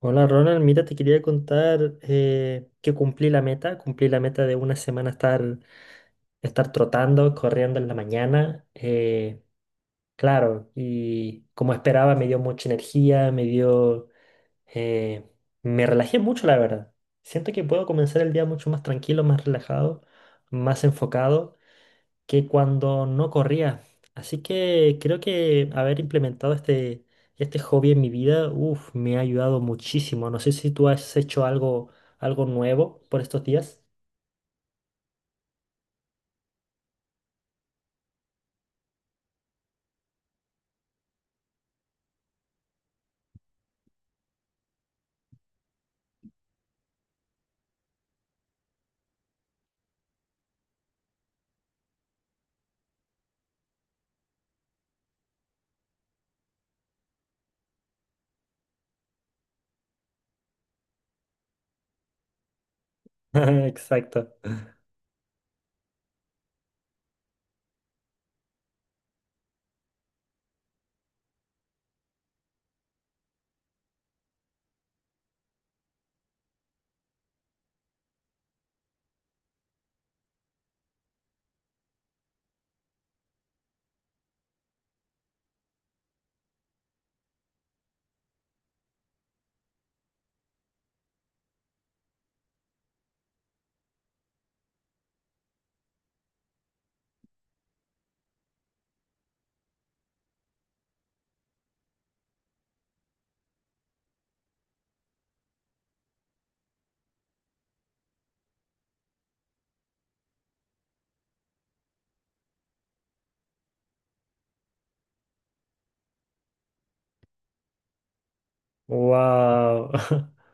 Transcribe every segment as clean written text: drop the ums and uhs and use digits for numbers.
Hola Ronald, mira, te quería contar que cumplí la meta de una semana estar trotando, corriendo en la mañana, claro, y como esperaba me dio mucha energía, eh, me relajé mucho la verdad. Siento que puedo comenzar el día mucho más tranquilo, más relajado, más enfocado que cuando no corría. Así que creo que haber implementado este hobby en mi vida, uf, me ha ayudado muchísimo. No sé si tú has hecho algo nuevo por estos días. Exacto. Wow.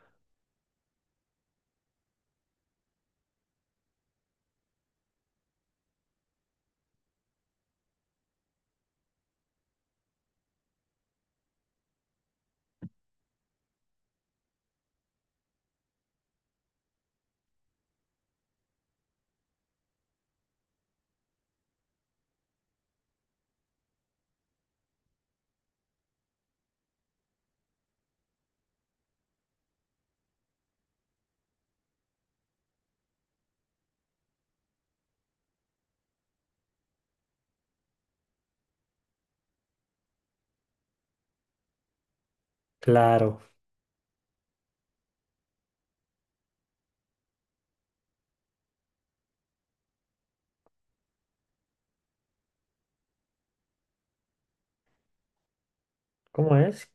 Claro. ¿Cómo es?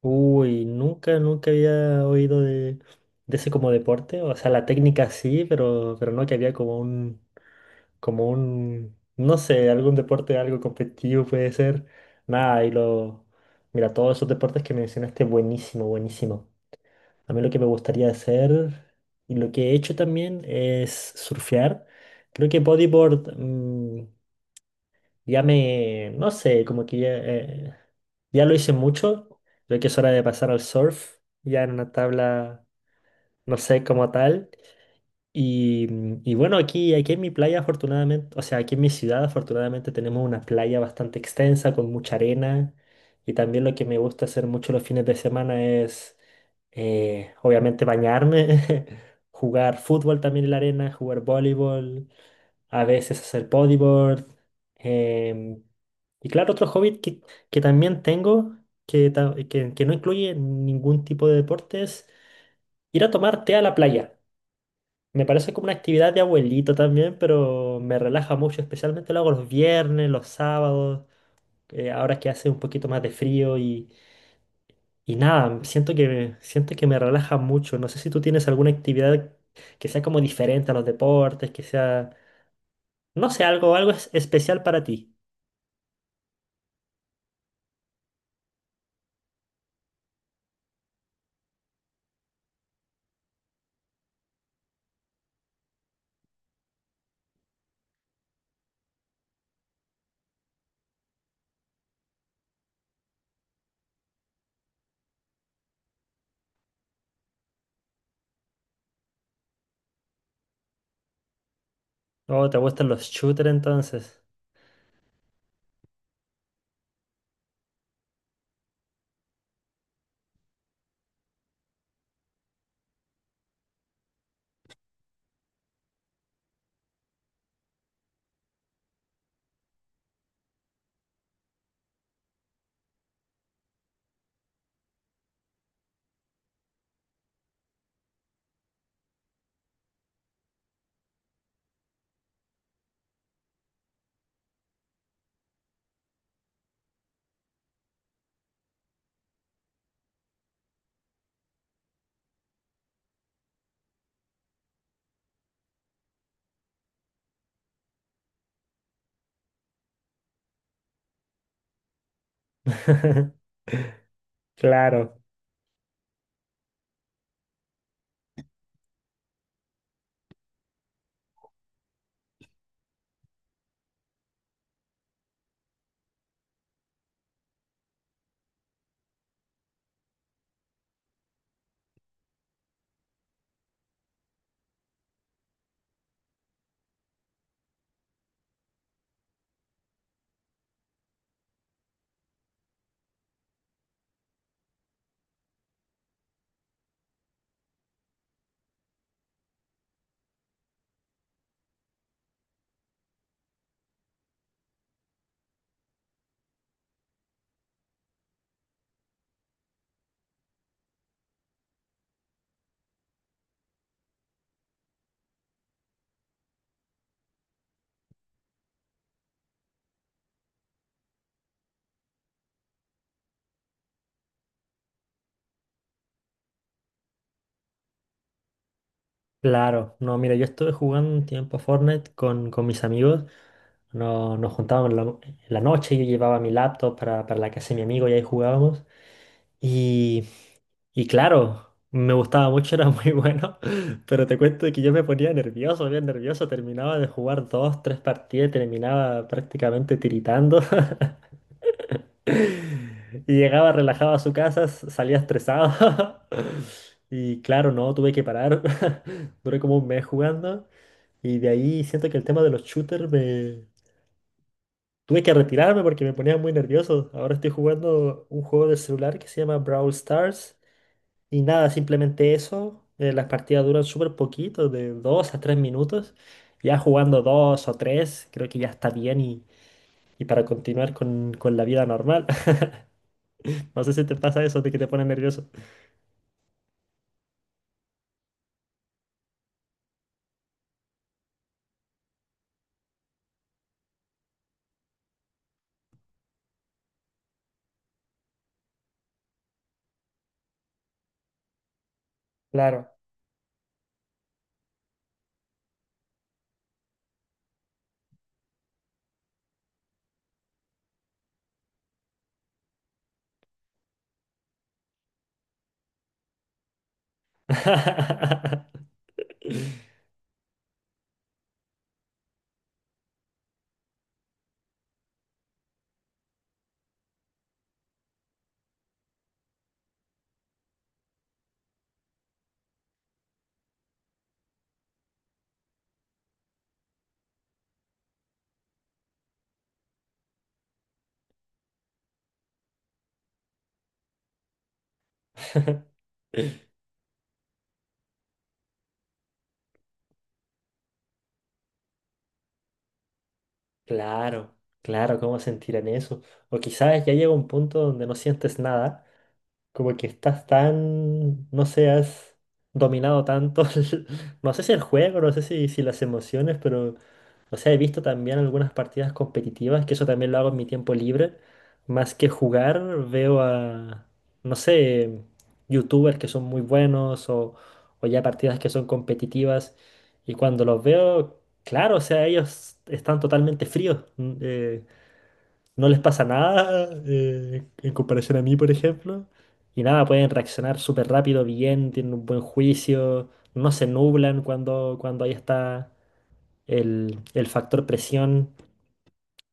Uy, nunca había oído de ese como deporte. O sea, la técnica sí, pero no que había como un no sé, algún deporte, algo competitivo puede ser. Nada, y lo... Mira, todos esos deportes que mencionaste, buenísimo, buenísimo. A mí lo que me gustaría hacer y lo que he hecho también es surfear. Creo que bodyboard no sé, como que ya, ya lo hice mucho. Creo que es hora de pasar al surf, ya en una tabla, no sé, como tal. Y, y bueno, aquí en mi playa, afortunadamente, o sea, aquí en mi ciudad, afortunadamente tenemos una playa bastante extensa con mucha arena. Y también lo que me gusta hacer mucho los fines de semana es, obviamente, bañarme, jugar fútbol también en la arena, jugar voleibol, a veces hacer bodyboard. em, y claro, otro hobby que también tengo, que no incluye ningún tipo de deportes: ir a tomar té a la playa. Me parece como una actividad de abuelito también, pero me relaja mucho, especialmente lo hago los viernes, los sábados, ahora que hace un poquito más de frío y nada, siento que me relaja mucho. No sé si tú tienes alguna actividad que sea como diferente a los deportes, que sea, no sé, algo especial para ti. Oh, ¿te gustan los shooters entonces? Claro. Claro, no, mira, yo estuve jugando un tiempo Fortnite con mis amigos. Nos juntábamos en en la noche, yo llevaba mi laptop para la casa de mi amigo y ahí jugábamos. Y, y claro, me gustaba mucho, era muy bueno, pero te cuento que yo me ponía nervioso, bien nervioso, terminaba de jugar dos, tres partidas, y terminaba prácticamente tiritando. Y llegaba relajado a su casa, salía estresado. Y claro, no, tuve que parar. Duré como un mes jugando. Y de ahí siento que el tema de los shooters me... Tuve que retirarme porque me ponía muy nervioso. Ahora estoy jugando un juego de celular que se llama Brawl Stars. Y nada, simplemente eso. Las partidas duran súper poquito, de 2 a 3 minutos. Ya jugando 2 o 3 creo que ya está bien y para continuar con la vida normal. No sé si te pasa eso de que te pone nervioso. Claro. Claro, claro, ¿cómo sentirán eso? O quizás ya llega un punto donde no sientes nada. Como que estás tan, no sé, has dominado tanto, no sé si el juego, no sé si las emociones, pero, o sea, he visto también algunas partidas competitivas, que eso también lo hago en mi tiempo libre. Más que jugar, veo a, no sé, youtubers que son muy buenos o ya partidas que son competitivas. Y cuando los veo, claro, o sea, ellos están totalmente fríos, no les pasa nada, en comparación a mí, por ejemplo. Y nada, pueden reaccionar súper rápido, bien, tienen un buen juicio, no se nublan cuando ahí está el factor presión.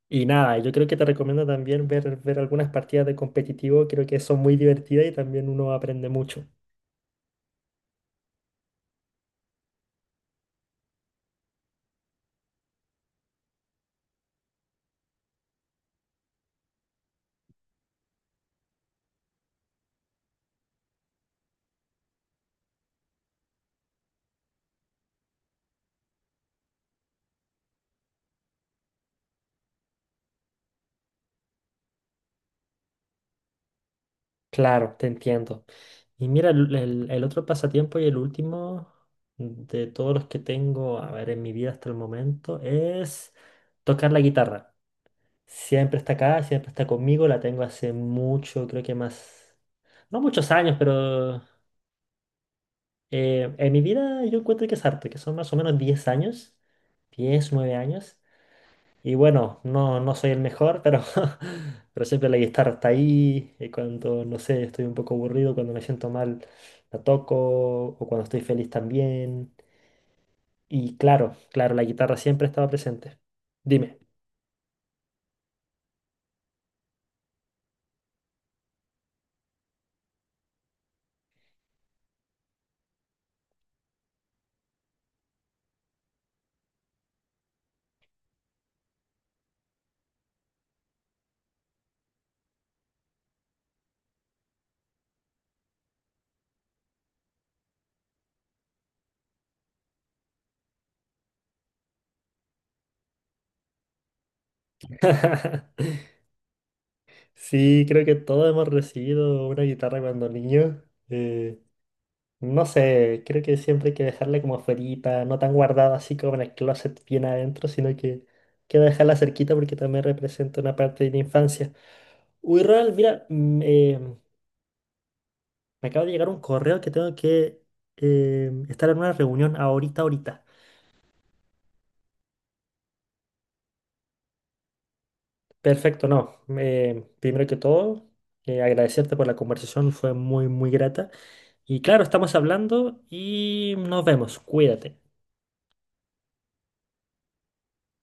Y nada, yo creo que te recomiendo también ver algunas partidas de competitivo, creo que son muy divertidas y también uno aprende mucho. Claro, te entiendo. Y mira, el el otro pasatiempo y el último de todos los que tengo, a ver, en mi vida hasta el momento es tocar la guitarra. Siempre está acá, siempre está conmigo, la tengo hace mucho, creo que más, no muchos años, pero en mi vida yo encuentro que es harto, que son más o menos 10 años, 10, 9 años. Y bueno, no soy el mejor, pero, pero siempre la guitarra está ahí, y cuando, no sé, estoy un poco aburrido, cuando me siento mal, la toco, o cuando estoy feliz también. Y claro, la guitarra siempre estaba presente. Dime. Sí, creo que todos hemos recibido una guitarra cuando niños. eh, no sé, creo que siempre hay que dejarla como afuerita, no tan guardada así como en el closet bien adentro, sino que dejarla cerquita porque también representa una parte de la infancia. Uy, Ronald, mira, me acaba de llegar un correo que tengo que estar en una reunión ahorita. Perfecto, no. Primero que todo, agradecerte por la conversación, fue muy, muy grata. Y claro, estamos hablando y nos vemos. Cuídate.